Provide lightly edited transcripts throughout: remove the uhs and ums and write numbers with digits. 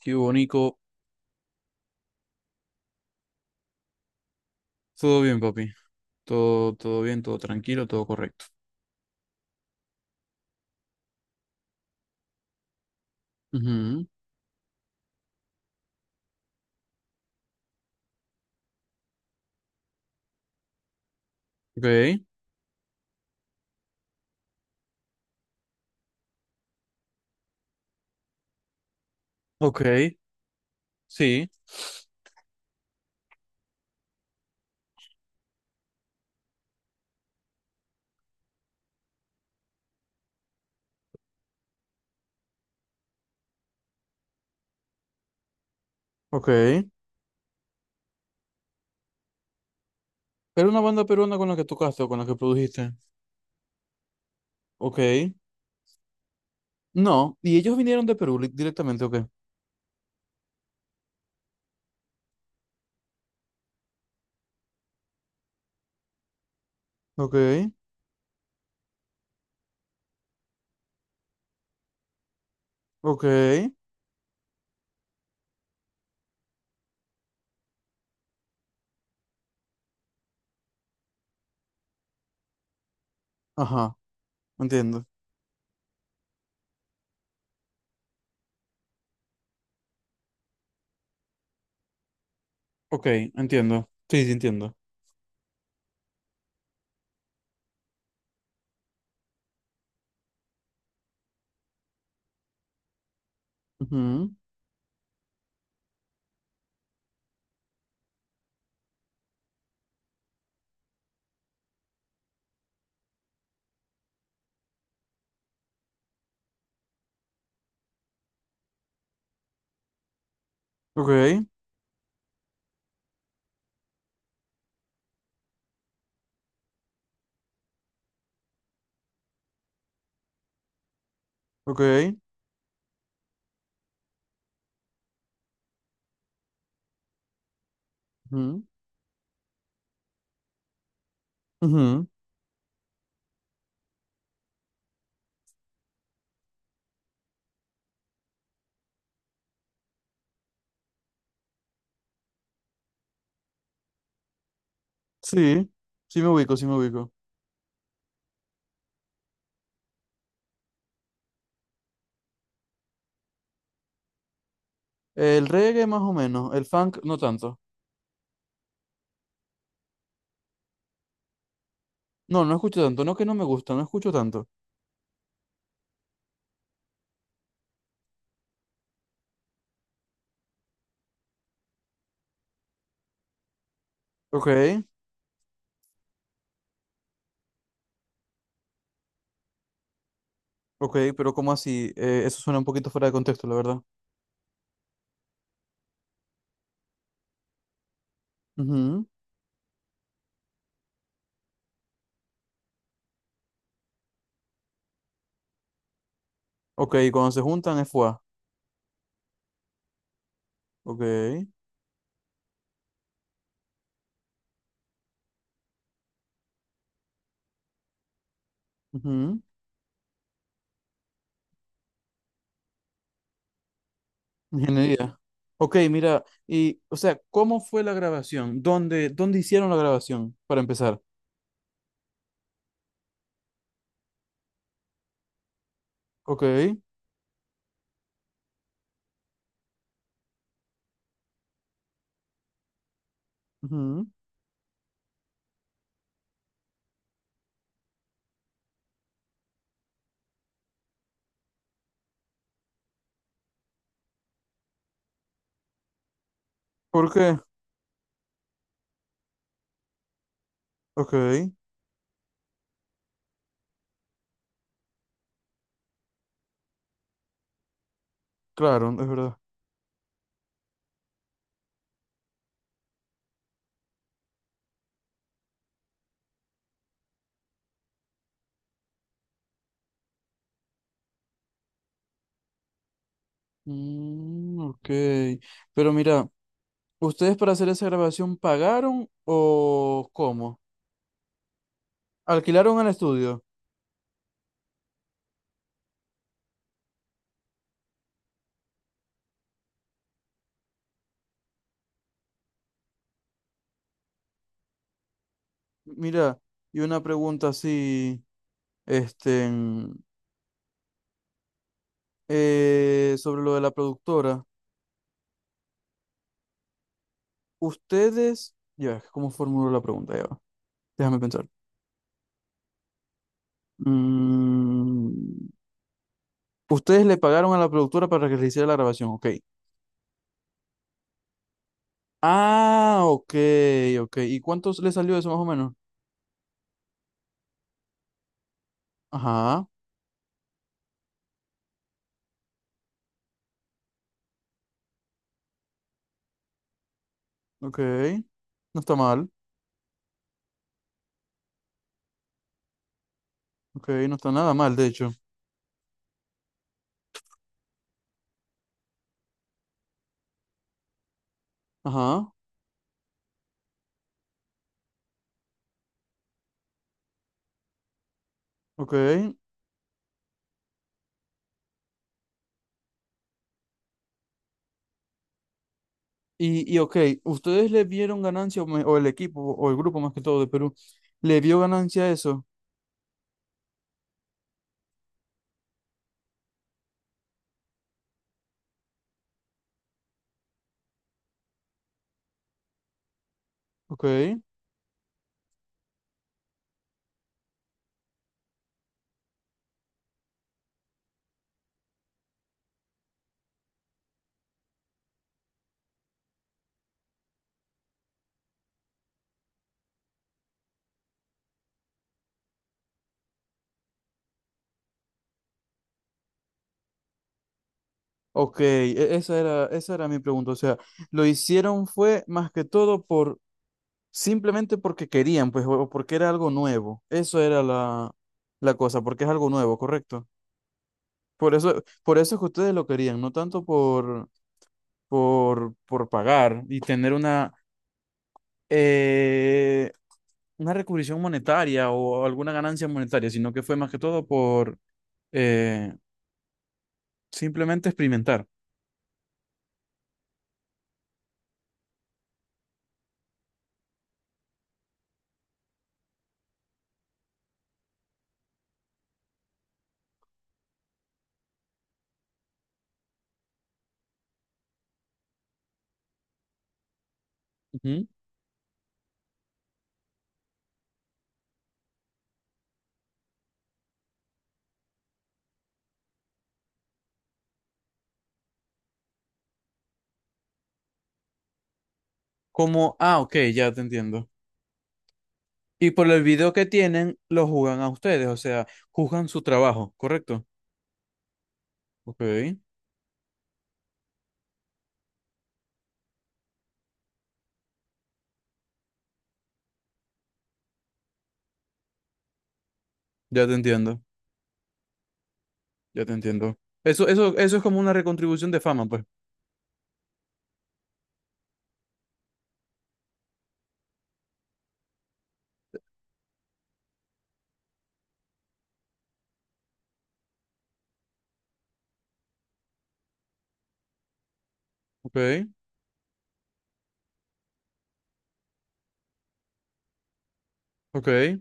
Qué bonito. Todo bien, papi. Todo, todo bien, todo tranquilo, todo correcto. Ujú. Ok, ok, sí, ok. Era una banda peruana con la que tocaste o con la que produjiste. Ok. No, y ellos vinieron de Perú directamente, ok. Ok, ok. Ajá, entiendo. Ok, entiendo. Sí, sí, entiendo. Ujú. Ok, ok. Ujú, ujú. Sí, sí me ubico, sí me ubico. El reggae más o menos, el funk no tanto. No, no escucho tanto, no que no me gusta, no escucho tanto. Ok, ok, pero ¿cómo así? Eso suena un poquito fuera de contexto, la verdad. Ujú. Ok, cuando se juntan es FUA. Ok. Ujú. Ingeniería. Ok, mira, y, o sea, ¿cómo fue la grabación? ¿Dónde hicieron la grabación, para empezar? Ok. Ujú. ¿Por qué? Ok, claro, es verdad. Ok, pero mira, ¿ustedes para hacer esa grabación pagaron o cómo? ¿Alquilaron el estudio? Mira, y una pregunta así, este, sobre lo de la productora. Ustedes, ya, ¿cómo formulo la pregunta? Ya va, déjame pensar. Mm, ustedes le pagaron a la productora para que le hiciera la grabación, ok. Ah, ok, ok. ¿Y cuánto le salió eso más o menos? Ajá, ok. No está mal, ok, no está nada mal, de hecho. Ajá, ok. Y ok, ¿ustedes le vieron ganancia o el equipo o el grupo más que todo de Perú? ¿Le vio ganancia a eso? Ok, ok, esa era mi pregunta. O sea, lo hicieron fue más que todo por simplemente porque querían, pues, o porque era algo nuevo. Eso era la cosa, porque es algo nuevo, ¿correcto? Por eso es que ustedes lo querían, no tanto por pagar y tener eh, una recubrición monetaria o alguna ganancia monetaria, sino que fue más que todo por eh, simplemente experimentar. Ujú. Como, ah, ok, ya te entiendo. Y por el video que tienen, lo juzgan a ustedes, o sea, juzgan su trabajo, ¿correcto? Ok, ya te entiendo, ya te entiendo. Eso es como una recontribución de fama, pues. Ok, ok.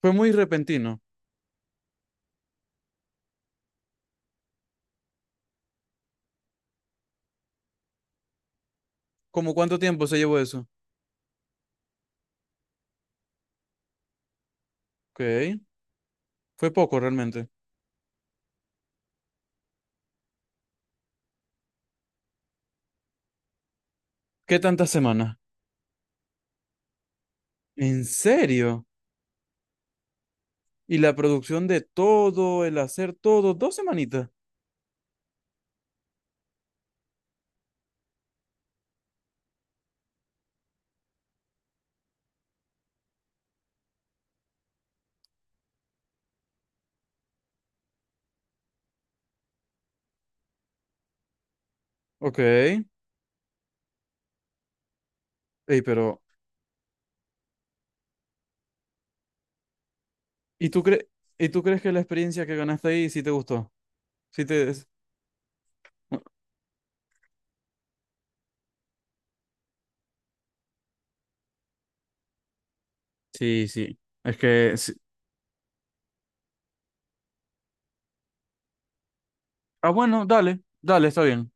Fue muy repentino. ¿Cómo cuánto tiempo se llevó eso? Ok, fue poco realmente. ¿Qué tantas semanas? ¿En serio? Y la producción de todo, el hacer todo, dos semanitas. Ok. Ey, pero, ¿y tú crees, y tú crees que la experiencia que ganaste ahí sí te gustó? Sí te... es- Sí, sí. Es que... sí. Ah, bueno, dale, dale, está bien.